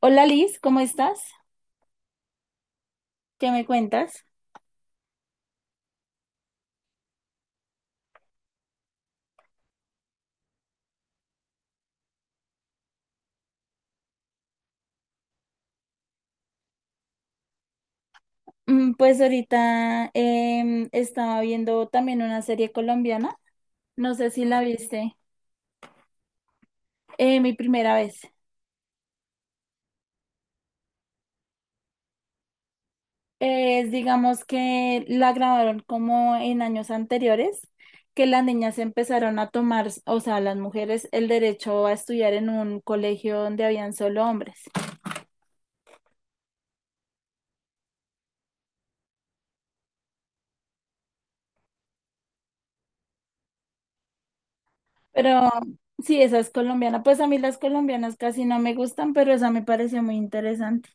Hola Liz, ¿cómo estás? ¿Qué me cuentas? Pues ahorita estaba viendo también una serie colombiana, no sé si la viste, mi primera vez. Es, digamos que la grabaron como en años anteriores, que las niñas empezaron a tomar, o sea, las mujeres, el derecho a estudiar en un colegio donde habían solo hombres. Pero sí, esa es colombiana. Pues a mí las colombianas casi no me gustan, pero esa me pareció muy interesante.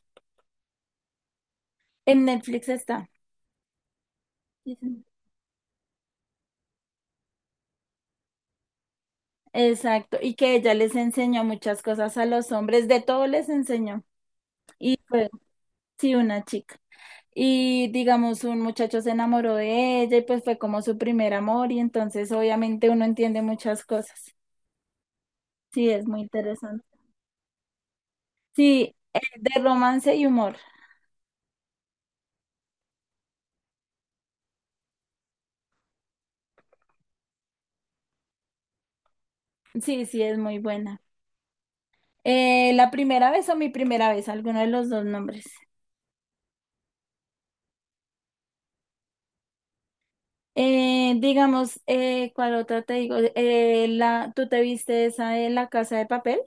En Netflix está. Sí, sí. Exacto, y que ella les enseñó muchas cosas a los hombres, de todo les enseñó. Y fue, sí, una chica. Y digamos, un muchacho se enamoró de ella y pues fue como su primer amor y entonces obviamente uno entiende muchas cosas. Sí, es muy interesante. Sí, de romance y humor. Sí, sí, es muy buena. La primera vez o mi primera vez, alguno de los dos nombres. Digamos, ¿cuál otra te digo? ¿Tú te viste esa de La Casa de Papel?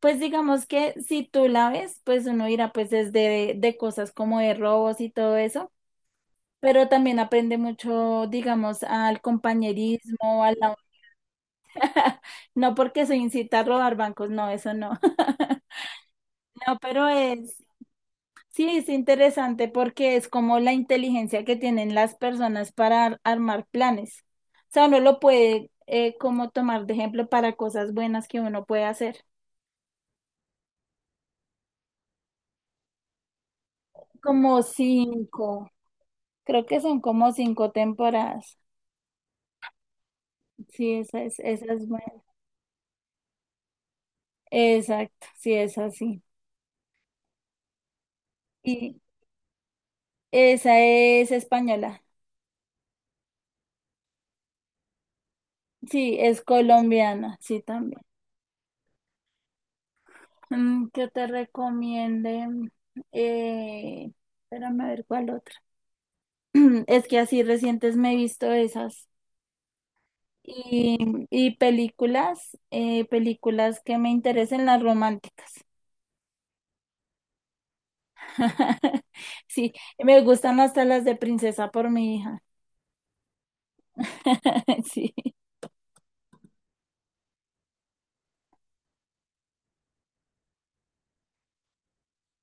Pues digamos que si tú la ves, pues uno irá pues desde de cosas como de robos y todo eso, pero también aprende mucho, digamos, al compañerismo, a la... No porque se incita a robar bancos, no, eso no. No, pero es, sí, es interesante porque es como la inteligencia que tienen las personas para armar planes. O sea, uno lo puede como tomar de ejemplo para cosas buenas que uno puede hacer. Como cinco, creo que son como cinco temporadas. Sí, esa es buena. Exacto, sí, es así. Y esa es española. Sí, es colombiana, sí, también. ¿Que te recomiende? Eh, Espérame a ver cuál otra. Es que así recientes me he visto esas. Y, y películas, películas que me interesen las románticas. Sí, me gustan hasta las de princesa por mi hija. Sí.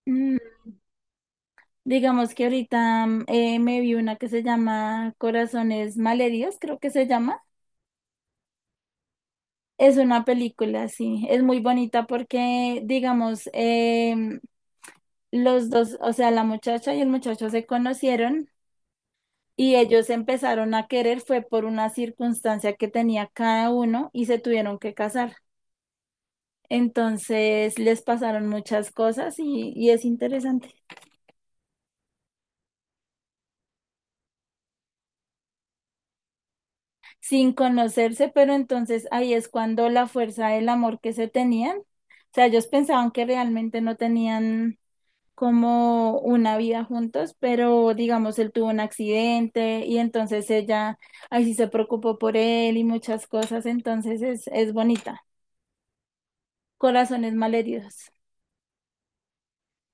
Mm, Digamos que ahorita me vi una que se llama Corazones Malheridos, creo que se llama. Es una película, sí, es muy bonita porque, digamos, los dos, o sea, la muchacha y el muchacho se conocieron y ellos se empezaron a querer, fue por una circunstancia que tenía cada uno y se tuvieron que casar. Entonces les pasaron muchas cosas y es interesante. Sin conocerse, pero entonces ahí es cuando la fuerza del amor que se tenían. O sea, ellos pensaban que realmente no tenían como una vida juntos, pero digamos, él tuvo un accidente y entonces ella, ahí sí se preocupó por él y muchas cosas, entonces es bonita. Corazones malheridos.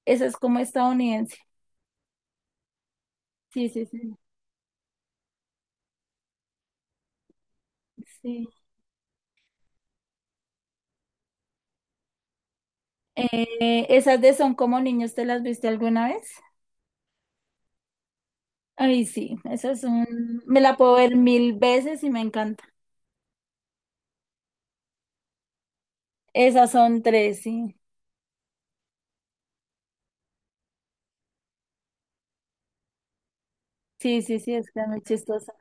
Esa es como estadounidense. Sí, sí, sí. Sí. Esas de Son como niños, ¿te las viste alguna vez? Ay, sí, esas son, me la puedo ver mil veces y me encanta. Esas son tres, sí. Sí, sí, sí, es que es muy chistosa.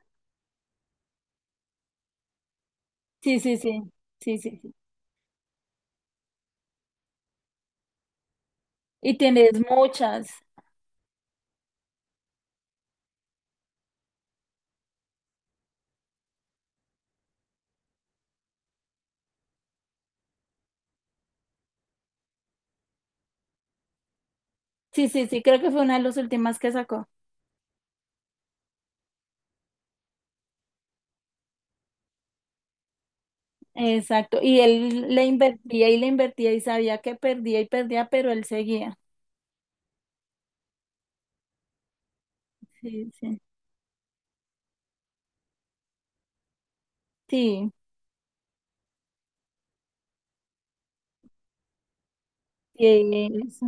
Sí, sí, sí, sí, sí, sí. Y tienes muchas. Sí, sí, sí, creo que fue una de las últimas que sacó. Exacto. Y él le invertía y sabía que perdía y perdía, pero él seguía. Sí, sí. Sí, y eso.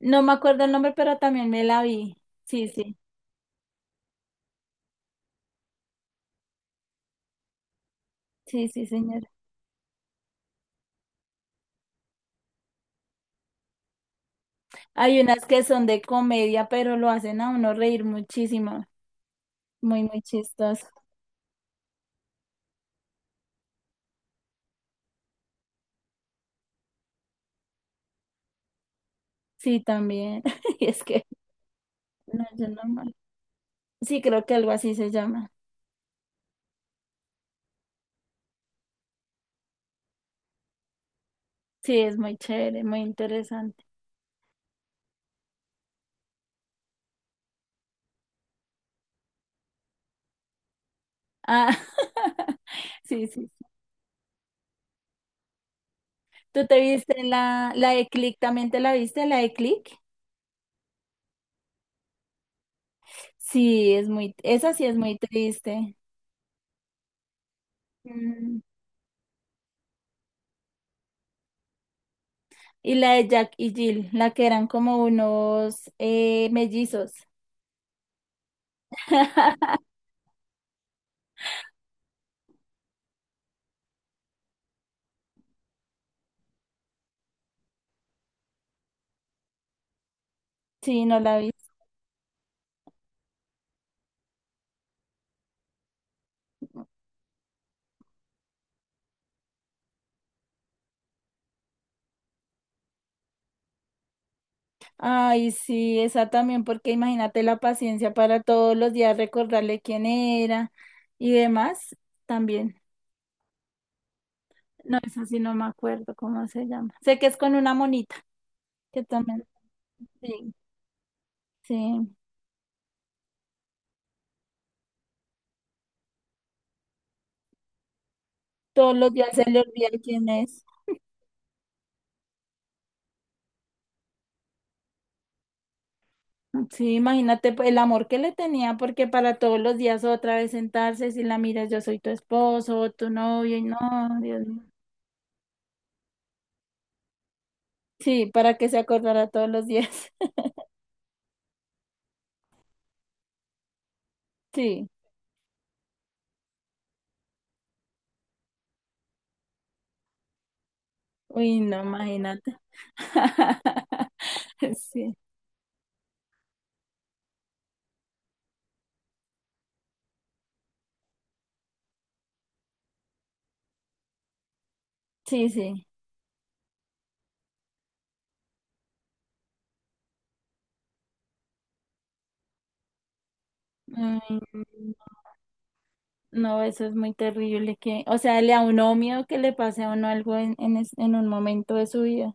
No me acuerdo el nombre, pero también me la vi. Sí, sí, sí, sí, señor. Hay unas que son de comedia, pero lo hacen a uno reír muchísimo. Muy, muy chistoso. Sí, también. Y es que, no, yo no. Sí, creo que algo así se llama. Sí, es muy chévere, muy interesante. Ah, sí, sí. ¿Tú te viste la, la de Click? ¿También te la viste, la de Click? Sí, es muy, esa sí es muy triste. Mm, Y la de Jack y Jill, la que eran como unos mellizos. Sí, no la vi. Ay, sí, esa también, porque imagínate la paciencia para todos los días recordarle quién era y demás también. No, esa sí no me acuerdo cómo se llama. Sé que es con una monita. Que también, sí, sí, todos los días se le olvida quién es. Sí, imagínate pues, el amor que le tenía, porque para todos los días otra vez sentarse, si la miras, yo soy tu esposo, tu novio, y no, Dios mío. Sí, para que se acordara todos los días. Sí, uy, no, imagínate. Sí, sí, sí. Ay, no, no, eso es muy terrible que, o sea, le a uno miedo que le pase a uno algo en un momento de su vida.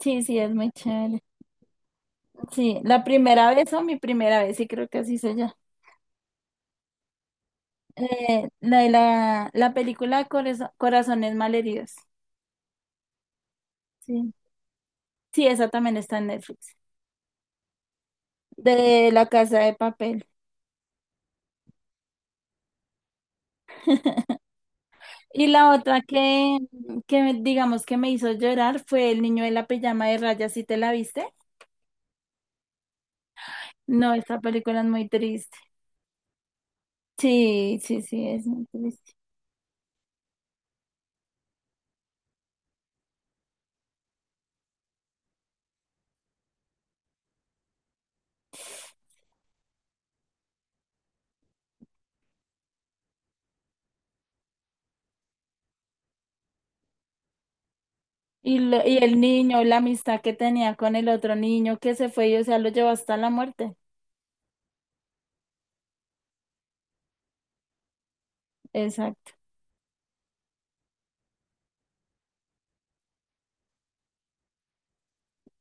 Sí, sí, es muy chévere. Sí, la primera vez o mi primera vez, sí creo que así se llama. La de la película Corazones Malheridos. Sí. Sí, esa también está en Netflix. De La Casa de Papel. Y la otra que digamos que me hizo llorar fue El niño de la pijama de rayas, ¿sí te la viste? No, esta película es muy triste. Sí, sí, sí, es muy triste. Y, y el niño, la amistad que tenía con el otro niño que se fue y o sea, lo llevó hasta la muerte. Exacto.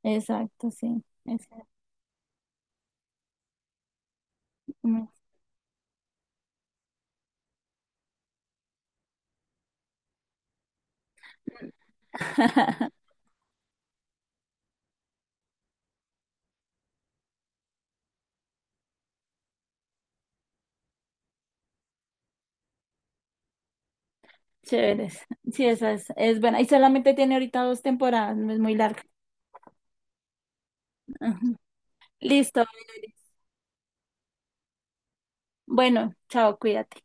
Exacto, sí. Esa es Chéveres. Sí, esa es buena. Y solamente tiene ahorita dos temporadas, no es muy larga. Ajá. Listo. Bueno, chao, cuídate.